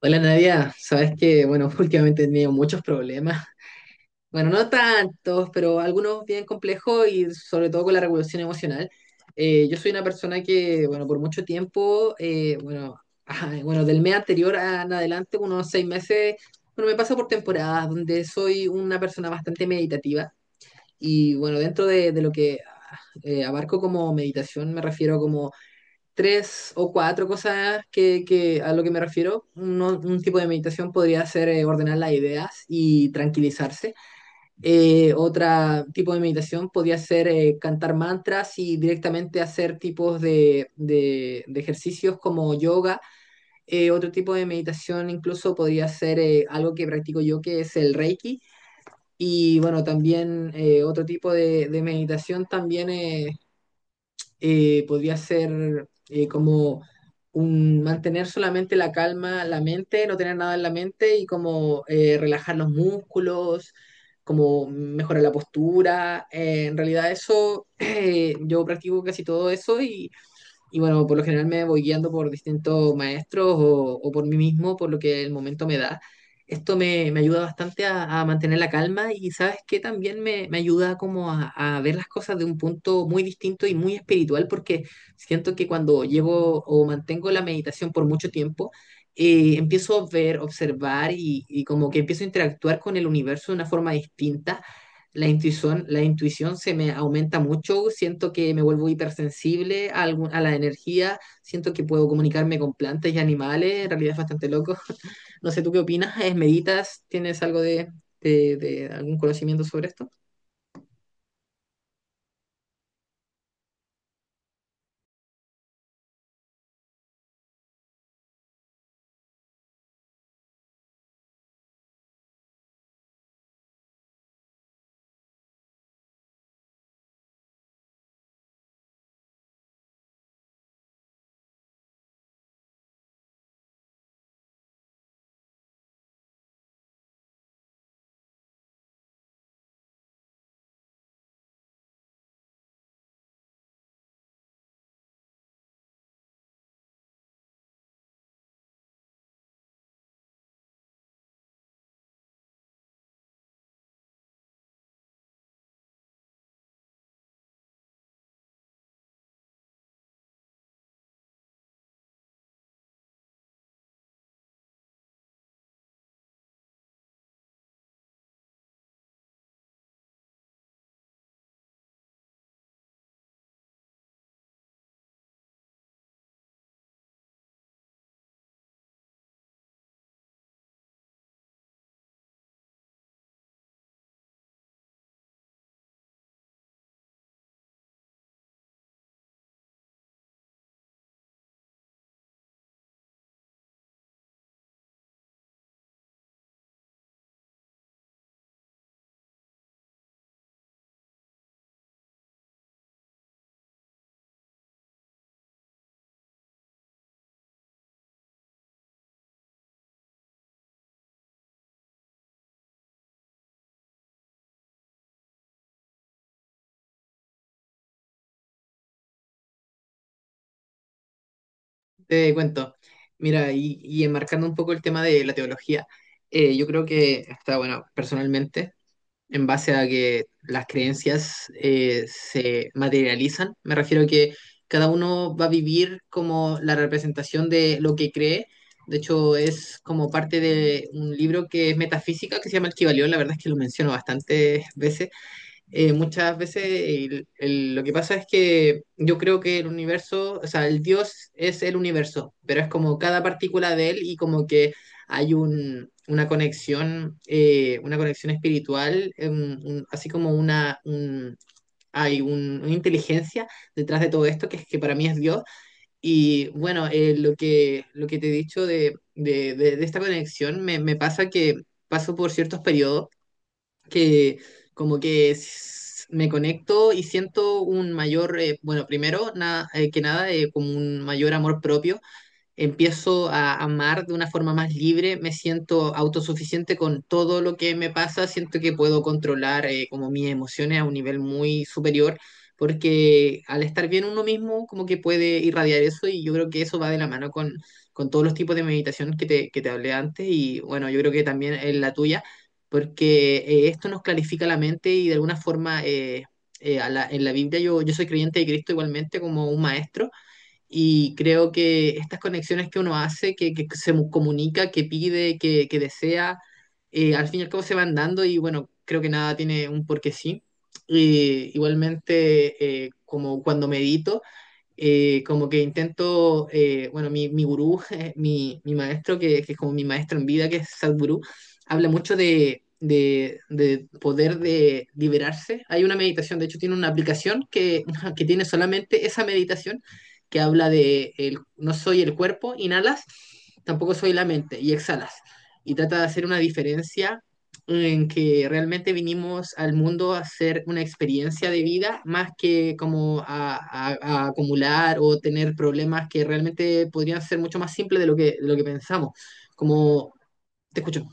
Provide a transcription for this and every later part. Hola Nadia, sabes que, bueno, últimamente he tenido muchos problemas. Bueno, no tantos, pero algunos bien complejos y sobre todo con la regulación emocional. Yo soy una persona que, bueno, por mucho tiempo, bueno, ajá, bueno, del mes anterior en adelante, unos seis meses, bueno, me paso por temporadas donde soy una persona bastante meditativa y, bueno, dentro de lo que abarco como meditación, me refiero tres o cuatro cosas que a lo que me refiero. Un tipo de meditación podría ser ordenar las ideas y tranquilizarse. Otra tipo de meditación podría ser cantar mantras y directamente hacer tipos de ejercicios como yoga. Otro tipo de meditación incluso podría ser algo que practico yo, que es el Reiki. Y bueno, también otro tipo de meditación también es podría ser como un mantener solamente la calma, la mente, no tener nada en la mente y como relajar los músculos, como mejorar la postura. En realidad eso, yo practico casi todo eso y bueno, por lo general me voy guiando por distintos maestros o por mí mismo, por lo que el momento me da. Esto me ayuda bastante a mantener la calma y sabes que también me ayuda como a ver las cosas de un punto muy distinto y muy espiritual porque siento que cuando llevo o mantengo la meditación por mucho tiempo, empiezo a ver, observar y como que empiezo a interactuar con el universo de una forma distinta, la intuición se me aumenta mucho, siento que me vuelvo hipersensible a, a la energía, siento que puedo comunicarme con plantas y animales, en realidad es bastante loco. No sé, ¿tú qué opinas? ¿Meditas? ¿Tienes algo de, de algún conocimiento sobre esto? Te cuento. Mira, y enmarcando un poco el tema de la teología, yo creo que está bueno, personalmente. En base a que las creencias se materializan. Me refiero a que cada uno va a vivir como la representación de lo que cree. De hecho, es como parte de un libro que es metafísica, que se llama El Kybalión. La verdad es que lo menciono bastantes veces, muchas veces lo que pasa es que yo creo que el universo, o sea, el Dios es el universo, pero es como cada partícula de él y como que hay un, una conexión espiritual, así como una, hay una inteligencia detrás de todo esto que para mí es Dios. Y bueno, lo que te he dicho de, de esta conexión me pasa que paso por ciertos periodos que como que me conecto y siento un mayor, bueno, primero, que nada, como un mayor amor propio, empiezo a amar de una forma más libre, me siento autosuficiente con todo lo que me pasa, siento que puedo controlar como mis emociones a un nivel muy superior, porque al estar bien uno mismo como que puede irradiar eso y yo creo que eso va de la mano con todos los tipos de meditación que que te hablé antes y bueno, yo creo que también es la tuya, porque esto nos clarifica la mente y de alguna forma en la Biblia yo, yo soy creyente de Cristo igualmente como un maestro, y creo que estas conexiones que uno hace, que se comunica, que pide, que desea, al fin y al cabo se van dando y bueno, creo que nada tiene un porque sí. Y igualmente, como cuando medito, como que intento, bueno, mi gurú, mi maestro, que es como mi maestro en vida, que es Sadhguru, habla mucho de poder de liberarse. Hay una meditación, de hecho tiene una aplicación que, que tiene solamente esa meditación, que habla de el, no soy el cuerpo, inhalas, tampoco soy la mente, y exhalas. Y trata de hacer una diferencia en que realmente vinimos al mundo a hacer una experiencia de vida más que como a acumular o tener problemas que realmente podrían ser mucho más simples de lo que pensamos. Como, te escucho.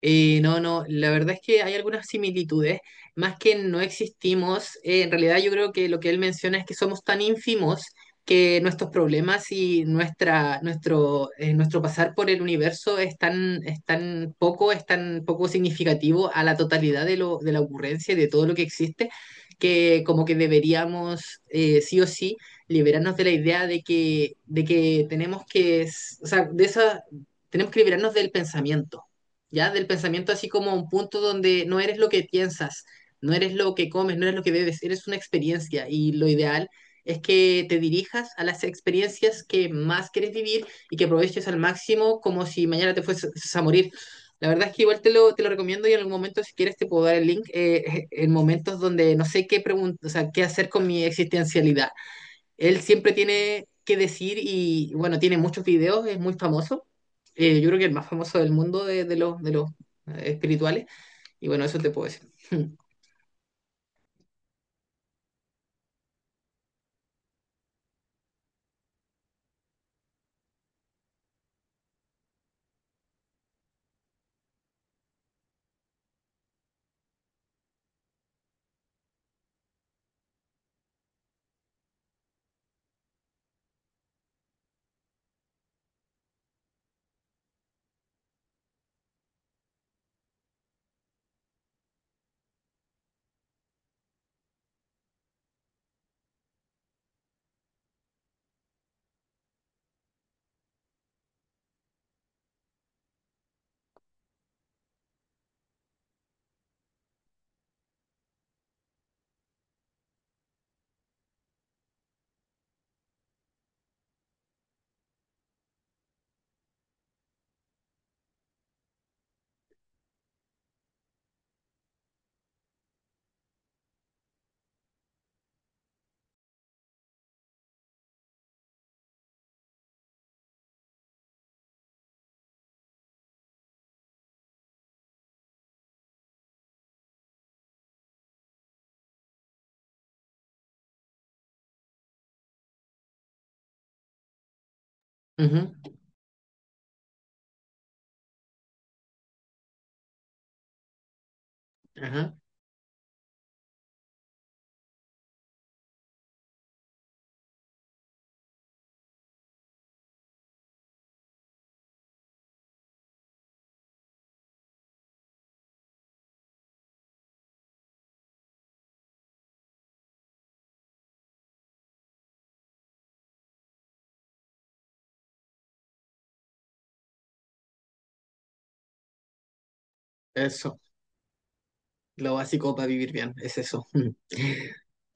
No, no, la verdad es que hay algunas similitudes, más que no existimos, en realidad yo creo que lo que él menciona es que somos tan ínfimos que nuestros problemas y nuestra, nuestro, nuestro pasar por el universo es tan poco significativo a la totalidad de lo, de la ocurrencia y de todo lo que existe, que como que deberíamos sí o sí liberarnos de la idea de que tenemos o sea, de esa, tenemos que liberarnos del pensamiento, ¿ya? Del pensamiento así como a un punto donde no eres lo que piensas, no eres lo que comes, no eres lo que bebes, eres una experiencia y lo ideal es que te dirijas a las experiencias que más quieres vivir y que aproveches al máximo como si mañana te fueses a morir. La verdad es que igual te lo recomiendo y en algún momento si quieres te puedo dar el link, en momentos donde no sé o sea, qué hacer con mi existencialidad. Él siempre tiene que decir y bueno, tiene muchos videos, es muy famoso. Yo creo que el más famoso del mundo de los espirituales. Y bueno, eso te puedo decir. Ujú, ajá, eso. Lo básico para vivir bien, es eso. Mm,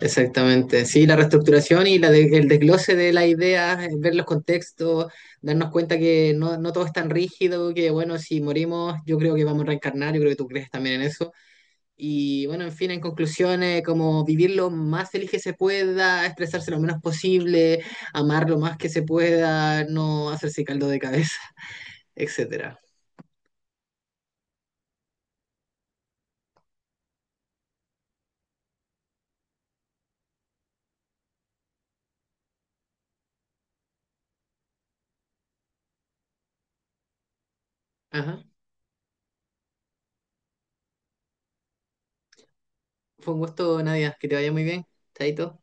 exactamente. Sí, la reestructuración y la el desglose de las ideas, ver los contextos, darnos cuenta que no, no todo es tan rígido, que bueno, si morimos, yo creo que vamos a reencarnar, yo creo que tú crees también en eso. Y bueno, en fin, en conclusiones, como vivir lo más feliz que se pueda, expresarse lo menos posible, amar lo más que se pueda, no hacerse caldo de cabeza, etcétera. Ajá. Fue un gusto, Nadia. Que te vaya muy bien. Chaito.